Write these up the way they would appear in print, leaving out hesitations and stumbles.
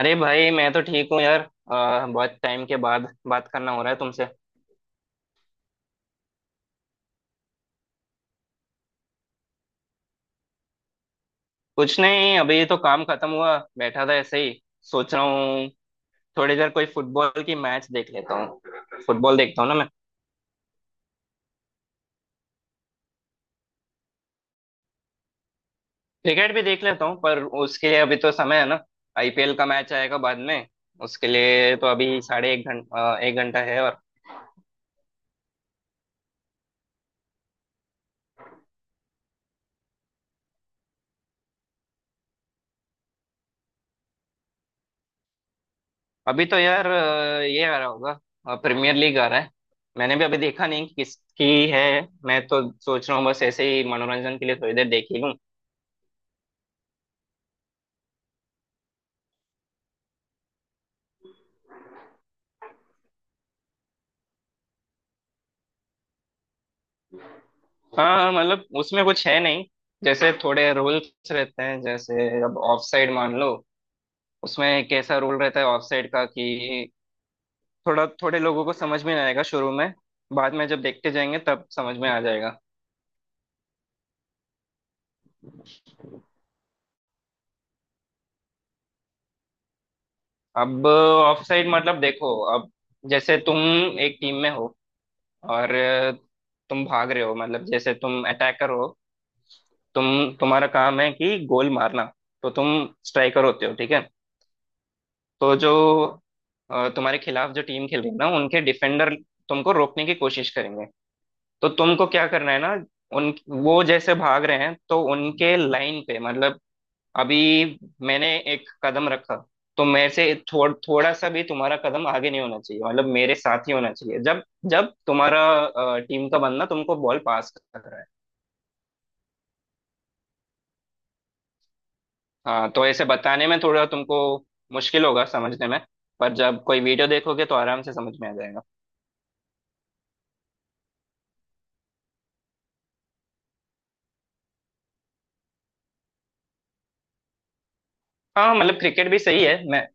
अरे भाई मैं तो ठीक हूँ यार। बहुत टाइम के बाद बात करना हो रहा है तुमसे। कुछ नहीं, अभी तो काम खत्म हुआ, बैठा था ऐसे ही। सोच रहा हूँ थोड़ी देर कोई फुटबॉल की मैच देख लेता हूँ। फुटबॉल देखता हूँ ना मैं। क्रिकेट भी देख लेता हूँ पर उसके लिए अभी तो समय है ना। आईपीएल का मैच आएगा बाद में। उसके लिए तो अभी 1.5 घंटा 1 घंटा है और अभी तो यार ये आ रहा होगा। प्रीमियर लीग आ रहा है। मैंने भी अभी देखा नहीं कि किसकी है। मैं तो सोच रहा हूँ बस ऐसे ही मनोरंजन के लिए थोड़ी देर देख ही लूँ। हाँ हाँ, मतलब उसमें कुछ है नहीं। जैसे थोड़े रूल्स रहते हैं। जैसे अब ऑफ साइड मान लो, उसमें एक ऐसा रूल रहता है ऑफ साइड का कि थोड़ा थोड़े लोगों को समझ में नहीं आएगा शुरू में। बाद में जब देखते जाएंगे तब समझ में आ जाएगा। अब ऑफ साइड मतलब देखो, अब जैसे तुम एक टीम में हो और तुम भाग रहे हो, मतलब जैसे तुम अटैकर हो। तुम तुम्हारा काम है कि गोल मारना। तो तुम स्ट्राइकर होते हो, ठीक है। तो जो तुम्हारे खिलाफ जो टीम खेल रही है ना, उनके डिफेंडर तुमको रोकने की कोशिश करेंगे। तो तुमको क्या करना है ना, उन वो जैसे भाग रहे हैं, तो उनके लाइन पे मतलब अभी मैंने एक कदम रखा, तो मेरे से थोड़ा सा भी तुम्हारा कदम आगे नहीं होना चाहिए। मतलब मेरे साथ ही होना चाहिए जब जब तुम्हारा टीम का बंदा तुमको बॉल पास कर रहा है। हाँ, तो ऐसे बताने में थोड़ा तुमको मुश्किल होगा समझने में, पर जब कोई वीडियो देखोगे तो आराम से समझ में आ जाएगा। हाँ हाँ, मतलब क्रिकेट भी सही है। मैं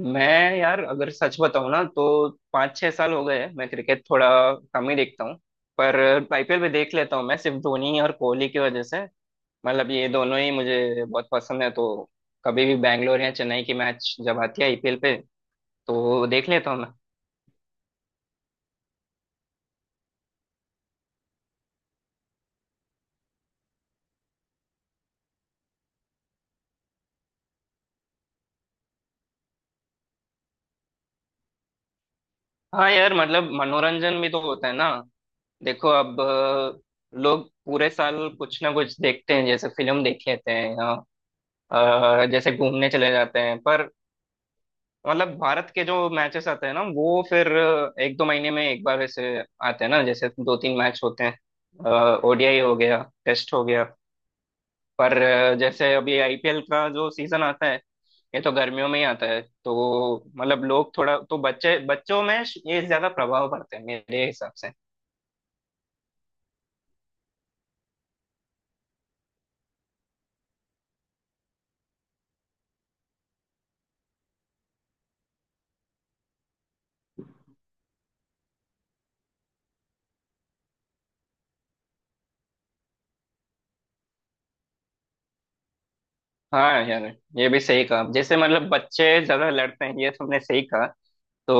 मैं यार अगर सच बताऊँ ना तो 5-6 साल हो गए हैं, मैं क्रिकेट थोड़ा कम ही देखता हूँ। पर आईपीएल भी देख लेता हूँ मैं, सिर्फ धोनी और कोहली की वजह से। मतलब ये दोनों ही मुझे बहुत पसंद है, तो कभी भी बैंगलोर या चेन्नई की मैच जब आती है आईपीएल पे, तो देख लेता हूँ मैं। हाँ यार, मतलब मनोरंजन भी तो होता है ना। देखो अब लोग पूरे साल कुछ ना कुछ देखते हैं। जैसे फिल्म देख लेते हैं या जैसे घूमने चले जाते हैं। पर मतलब भारत के जो मैचेस आते हैं ना, वो फिर 1-2 महीने में एक बार वैसे आते हैं ना। जैसे 2-3 मैच होते हैं, ओडीआई हो गया, टेस्ट हो गया। पर जैसे अभी आईपीएल का जो सीजन आता है, ये तो गर्मियों में ही आता है, तो मतलब लोग थोड़ा तो बच्चे बच्चों में ये ज्यादा प्रभाव पड़ते हैं मेरे हिसाब से। हाँ यार, ये भी सही कहा। जैसे मतलब बच्चे ज्यादा लड़ते हैं, ये तुमने सही कहा। तो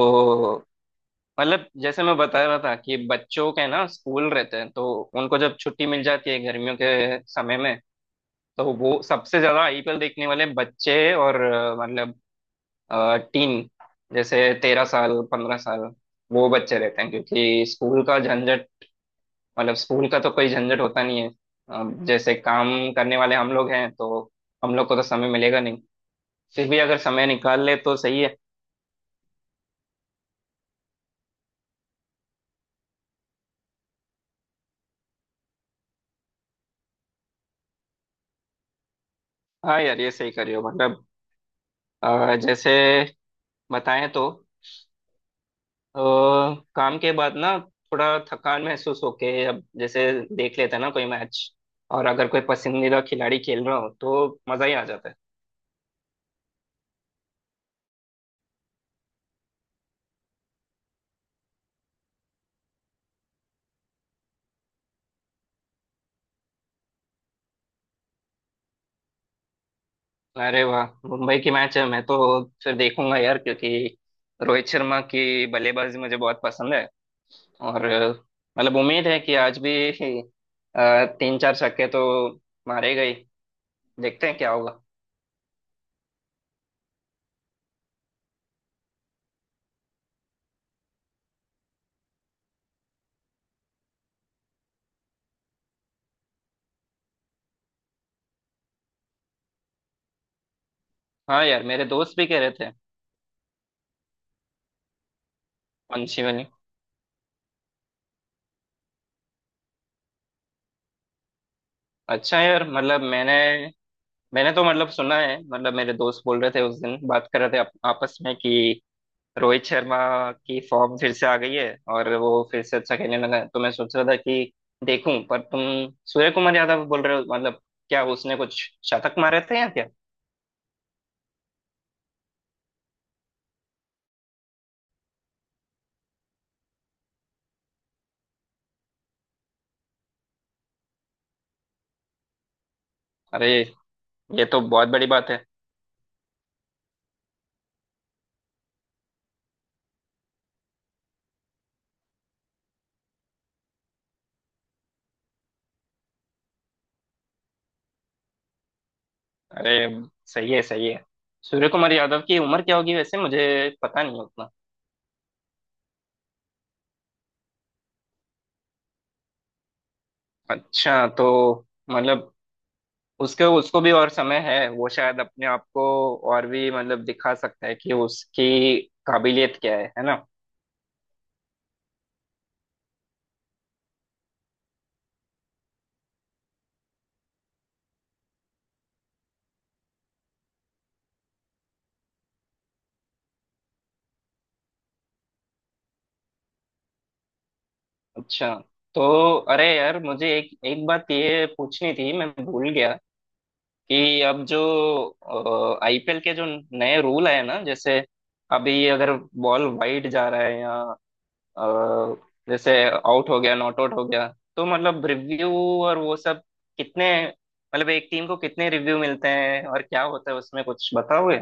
मतलब जैसे मैं बता रहा था कि बच्चों के ना स्कूल रहते हैं, तो उनको जब छुट्टी मिल जाती है गर्मियों के समय में, तो वो सबसे ज्यादा आईपीएल देखने वाले बच्चे और मतलब टीन, जैसे 13 साल 15 साल, वो बच्चे रहते हैं क्योंकि स्कूल का झंझट, मतलब स्कूल का तो कोई झंझट होता नहीं है। जैसे काम करने वाले हम लोग हैं, तो हम लोग को तो समय मिलेगा नहीं। फिर भी अगर समय निकाल ले तो सही है। हाँ यार, ये सही करियो। मतलब जैसे बताएं तो अ, काम के बाद ना थोड़ा थकान महसूस होके, अब जैसे देख लेते हैं ना कोई मैच, और अगर कोई पसंदीदा खिलाड़ी खेल रहा हो तो मजा ही आ जाता है। अरे वाह, मुंबई की मैच है! मैं तो फिर देखूंगा यार, क्योंकि रोहित शर्मा की बल्लेबाजी मुझे बहुत पसंद है। और मतलब उम्मीद है कि आज भी 3-4 छक्के तो मारे गए। देखते हैं क्या होगा। हाँ यार, मेरे दोस्त भी कह रहे थे पंछी वाली। अच्छा यार, मतलब मैंने मैंने तो मतलब सुना है। मतलब मेरे दोस्त बोल रहे थे उस दिन, बात कर रहे थे आपस में कि रोहित शर्मा की फॉर्म फिर से आ गई है और वो फिर से अच्छा खेलने लगा है। तो मैं सोच रहा था कि देखूं, पर तुम सूर्य कुमार यादव बोल रहे हो। मतलब क्या उसने कुछ शतक मारे थे या क्या? अरे, ये तो बहुत बड़ी बात है! अरे, सही है, सही है। सूर्य कुमार यादव की उम्र क्या होगी वैसे, मुझे पता नहीं उतना। अच्छा, तो मतलब उसके उसको भी और समय है। वो शायद अपने आप को और भी मतलब दिखा सकता है कि उसकी काबिलियत क्या है ना। अच्छा। तो अरे यार, मुझे एक एक बात ये पूछनी थी, मैं भूल गया कि अब जो आईपीएल के जो नए रूल आए ना, जैसे अभी अगर बॉल वाइड जा रहा है या अ, जैसे आउट हो गया, नॉट आउट हो गया, तो मतलब रिव्यू और वो सब, कितने मतलब एक टीम को कितने रिव्यू मिलते हैं और क्या होता है उसमें, कुछ बताओगे?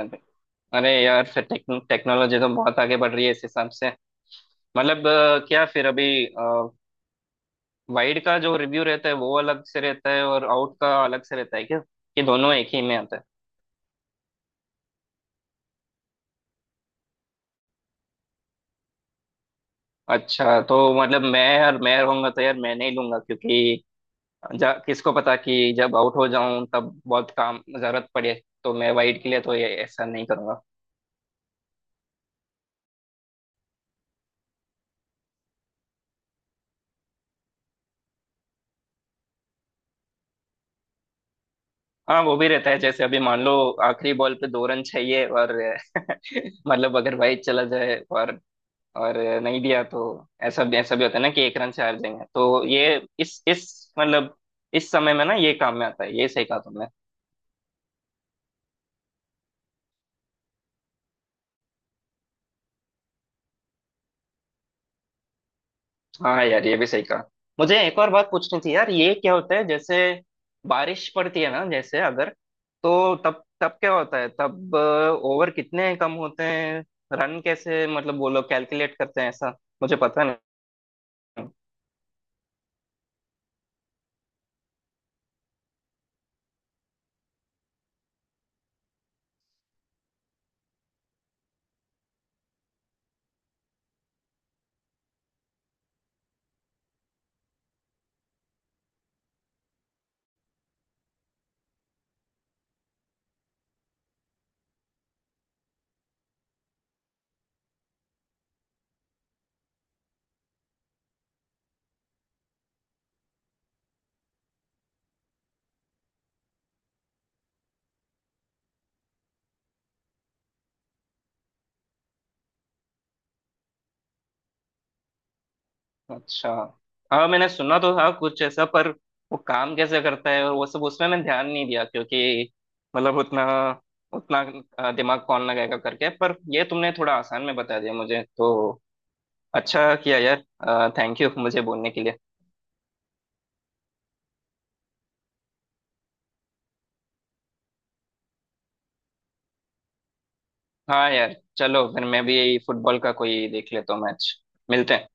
अरे, अरे यार, फिर टेक्नोलॉजी तो बहुत आगे बढ़ रही है इस हिसाब से। मतलब क्या फिर अभी वाइड का जो रिव्यू रहता है वो अलग से रहता है और आउट का अलग से रहता है, क्या कि दोनों एक ही में आता है? अच्छा तो मतलब मैं यार, मैं रहूंगा तो यार मैं नहीं लूंगा, क्योंकि किसको पता कि जब आउट हो जाऊं तब बहुत काम, जरूरत पड़े। तो मैं वाइड के लिए तो ये ऐसा नहीं करूंगा। हाँ, वो भी रहता है। जैसे अभी मान लो आखिरी बॉल पे 2 रन चाहिए और मतलब अगर वाइड चला जाए और नहीं दिया तो ऐसा भी, ऐसा भी होता है ना कि 1 रन से हार जाएंगे, तो ये इस मतलब इस समय में ना ये काम में आता है। ये सही कहा तुमने। हाँ यार, ये भी सही कहा। मुझे एक और बात पूछनी थी यार, ये क्या होता है जैसे बारिश पड़ती है ना, जैसे अगर, तो तब तब क्या होता है, तब ओवर कितने कम होते हैं, रन कैसे मतलब वो लोग कैलकुलेट करते हैं ऐसा, मुझे पता नहीं। अच्छा। हाँ, मैंने सुना तो था कुछ ऐसा, पर वो काम कैसे करता है और वो सब, उसमें मैं ध्यान नहीं दिया, क्योंकि मतलब उतना उतना दिमाग कौन लगाएगा, करके। पर ये तुमने थोड़ा आसान में बता दिया मुझे, तो अच्छा किया यार। थैंक यू मुझे बोलने के लिए। हाँ यार चलो, फिर मैं भी फुटबॉल का कोई देख लेता हूँ मैच। मिलते हैं।